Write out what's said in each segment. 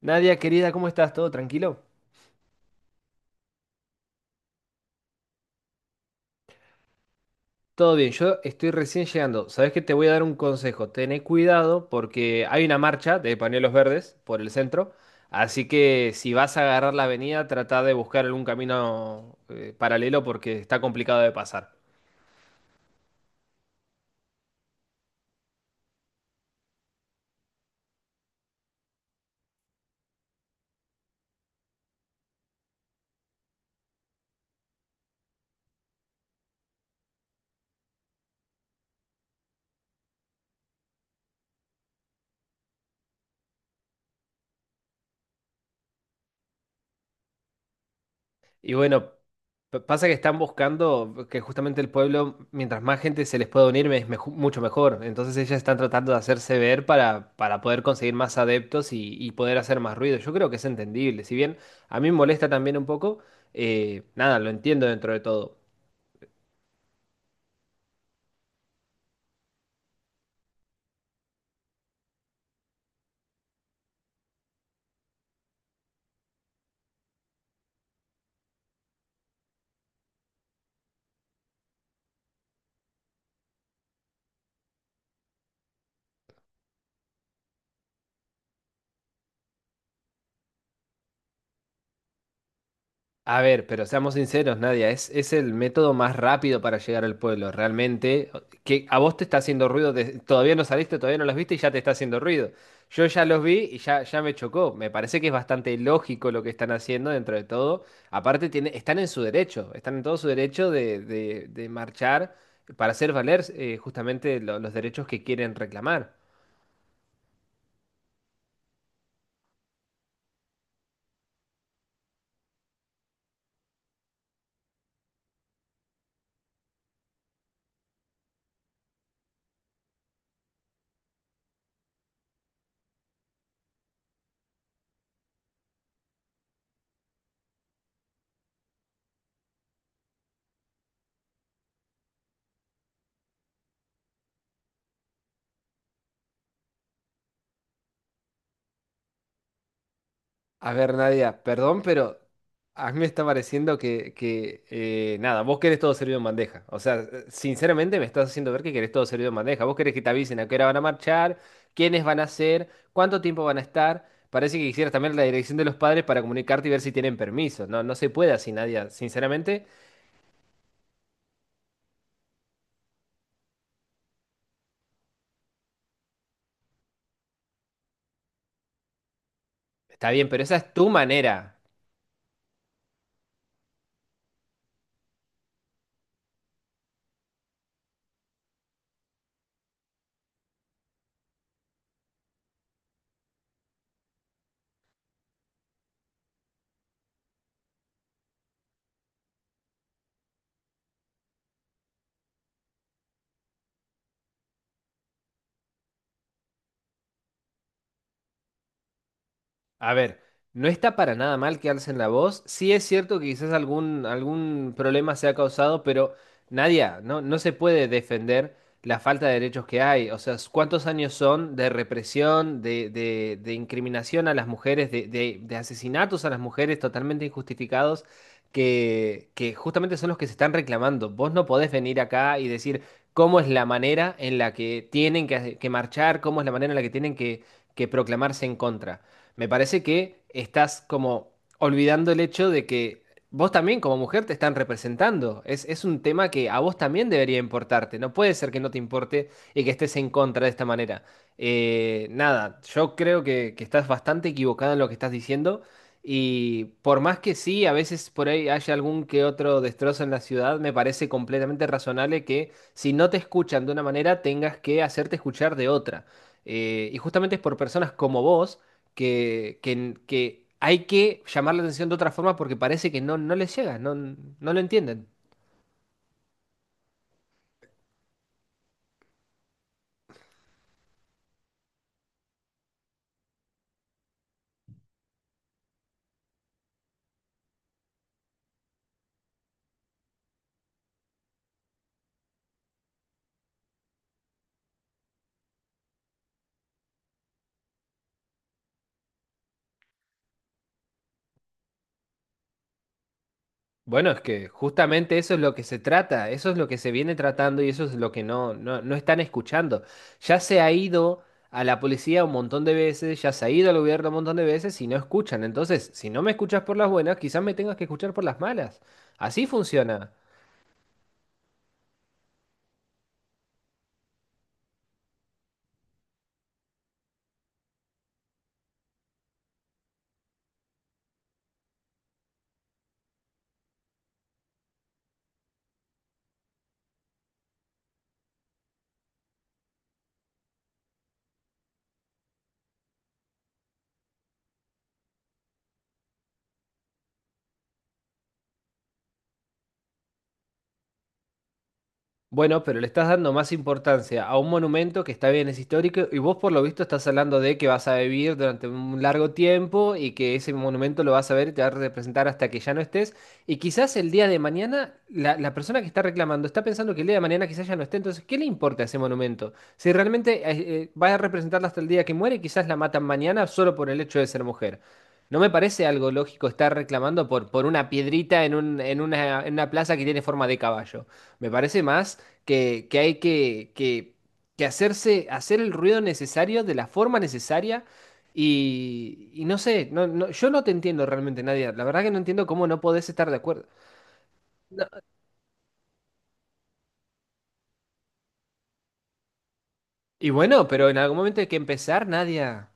Nadia, querida, ¿cómo estás? ¿Todo tranquilo? Todo bien, yo estoy recién llegando. Sabes que te voy a dar un consejo. Tené cuidado porque hay una marcha de pañuelos verdes por el centro. Así que si vas a agarrar la avenida, trata de buscar algún camino paralelo porque está complicado de pasar. Y bueno, pasa que están buscando que justamente el pueblo, mientras más gente se les pueda unir, es mucho mejor. Entonces ellas están tratando de hacerse ver para poder conseguir más adeptos y poder hacer más ruido. Yo creo que es entendible. Si bien a mí me molesta también un poco, nada, lo entiendo dentro de todo. A ver, pero seamos sinceros, Nadia, es el método más rápido para llegar al pueblo, realmente. Que a vos te está haciendo ruido, todavía no saliste, todavía no los viste y ya te está haciendo ruido. Yo ya los vi ya me chocó. Me parece que es bastante lógico lo que están haciendo dentro de todo. Aparte, están en su derecho, están en todo su derecho de marchar para hacer valer justamente los derechos que quieren reclamar. A ver, Nadia, perdón, pero a mí me está pareciendo que nada, vos querés todo servido en bandeja. O sea, sinceramente me estás haciendo ver que querés todo servido en bandeja. Vos querés que te avisen a qué hora van a marchar, quiénes van a ser, cuánto tiempo van a estar. Parece que quisieras también la dirección de los padres para comunicarte y ver si tienen permiso. No, no se puede así, Nadia. Sinceramente, está bien, pero esa es tu manera. A ver, no está para nada mal que alcen la voz. Sí es cierto que quizás algún problema se ha causado, pero Nadia, no, no se puede defender la falta de derechos que hay. O sea, ¿cuántos años son de represión, de incriminación a las mujeres, de asesinatos a las mujeres totalmente injustificados? Que justamente son los que se están reclamando. Vos no podés venir acá y decir cómo es la manera en la que tienen que marchar, cómo es la manera en la que tienen que proclamarse en contra. Me parece que estás como olvidando el hecho de que vos también como mujer te están representando. Es un tema que a vos también debería importarte. No puede ser que no te importe y que estés en contra de esta manera. Nada, yo creo que estás bastante equivocada en lo que estás diciendo. Y por más que sí, a veces por ahí haya algún que otro destrozo en la ciudad, me parece completamente razonable que si no te escuchan de una manera, tengas que hacerte escuchar de otra. Y justamente es por personas como vos que, que hay que llamar la atención de otra forma porque parece que no, no les llega, no, no lo entienden. Bueno, es que justamente eso es lo que se trata, eso es lo que se viene tratando y eso es lo que no, no están escuchando. Ya se ha ido a la policía un montón de veces, ya se ha ido al gobierno un montón de veces y no escuchan. Entonces, si no me escuchas por las buenas, quizás me tengas que escuchar por las malas. Así funciona. Bueno, pero le estás dando más importancia a un monumento que está bien, es histórico, y vos por lo visto estás hablando de que vas a vivir durante un largo tiempo y que ese monumento lo vas a ver y te va a representar hasta que ya no estés. Y quizás el día de mañana la persona que está reclamando está pensando que el día de mañana quizás ya no esté, entonces, ¿qué le importa ese monumento? Si realmente va a representarla hasta el día que muere, y quizás la matan mañana solo por el hecho de ser mujer. No me parece algo lógico estar reclamando por una piedrita en en una plaza que tiene forma de caballo. Me parece más que hay que hacerse, hacer el ruido necesario de la forma necesaria. Y no sé, no, no, yo no te entiendo realmente, Nadia. La verdad que no entiendo cómo no podés estar de acuerdo. No, y bueno, pero en algún momento hay que empezar, Nadia.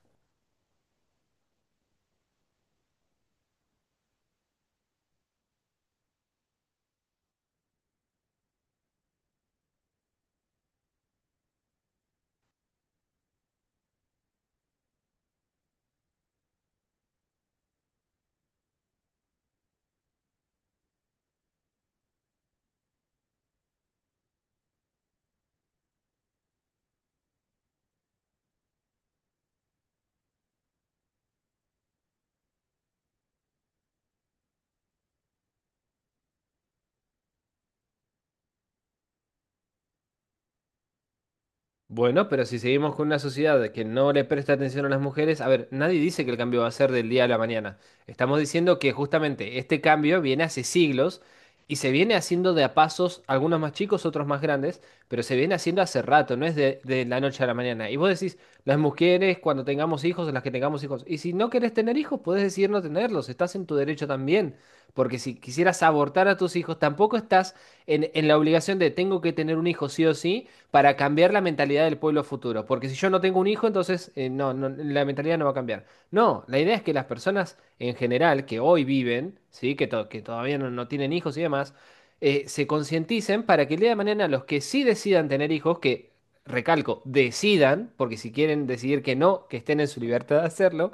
Bueno, pero si seguimos con una sociedad que no le presta atención a las mujeres, a ver, nadie dice que el cambio va a ser del día a la mañana. Estamos diciendo que justamente este cambio viene hace siglos y se viene haciendo de a pasos, algunos más chicos, otros más grandes, pero se viene haciendo hace rato, no es de la noche a la mañana. Y vos decís, las mujeres cuando tengamos hijos, las que tengamos hijos, y si no querés tener hijos, podés decidir no tenerlos, estás en tu derecho también, porque si quisieras abortar a tus hijos, tampoco estás en la obligación de tengo que tener un hijo sí o sí para cambiar la mentalidad del pueblo futuro. Porque si yo no tengo un hijo, entonces no, no, la mentalidad no va a cambiar. No, la idea es que las personas en general que hoy viven, ¿sí? que, que todavía no, no tienen hijos y demás, se concienticen para que el día de mañana los que sí decidan tener hijos, que recalco, decidan, porque si quieren decidir que no, que estén en su libertad de hacerlo,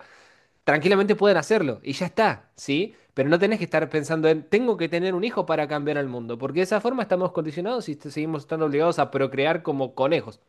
tranquilamente pueden hacerlo y ya está, ¿sí? Pero no tenés que estar pensando en, tengo que tener un hijo para cambiar al mundo, porque de esa forma estamos condicionados y seguimos estando obligados a procrear como conejos.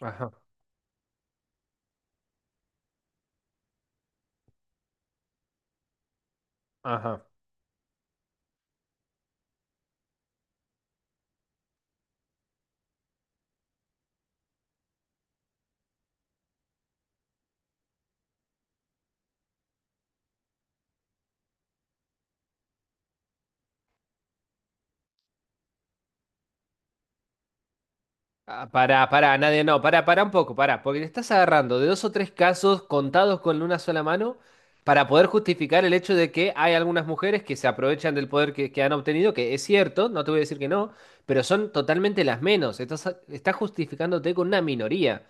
Ajá, ajá. Ah, pará, pará, nadie, no, pará, pará un poco, pará, porque te estás agarrando de dos o tres casos contados con una sola mano para poder justificar el hecho de que hay algunas mujeres que se aprovechan del poder que han obtenido, que es cierto, no te voy a decir que no, pero son totalmente las menos. Estás, estás justificándote con una minoría.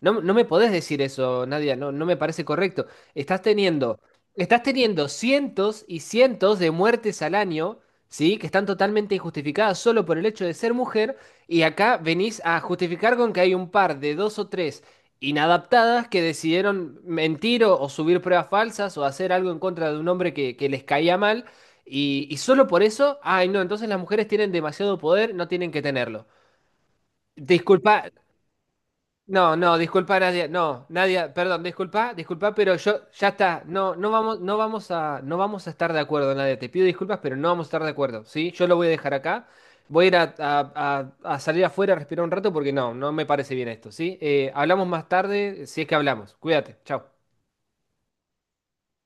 No, no me podés decir eso, Nadia, no, no me parece correcto. Estás teniendo, estás teniendo cientos y cientos de muertes al año, ¿sí? Que están totalmente injustificadas solo por el hecho de ser mujer, y acá venís a justificar con que hay un par de dos o tres inadaptadas que decidieron mentir o subir pruebas falsas o hacer algo en contra de un hombre que les caía mal, y solo por eso, ay no, entonces las mujeres tienen demasiado poder, no tienen que tenerlo. Disculpa, no, no, disculpa Nadia, no, Nadia, perdón, disculpa, disculpa, pero yo ya está, no, no vamos, no vamos a, no vamos a estar de acuerdo, Nadia, te pido disculpas, pero no vamos a estar de acuerdo, ¿sí? Yo lo voy a dejar acá, voy a ir a, a salir afuera a respirar un rato porque no, no me parece bien esto, ¿sí? Hablamos más tarde, si es que hablamos, cuídate, chao.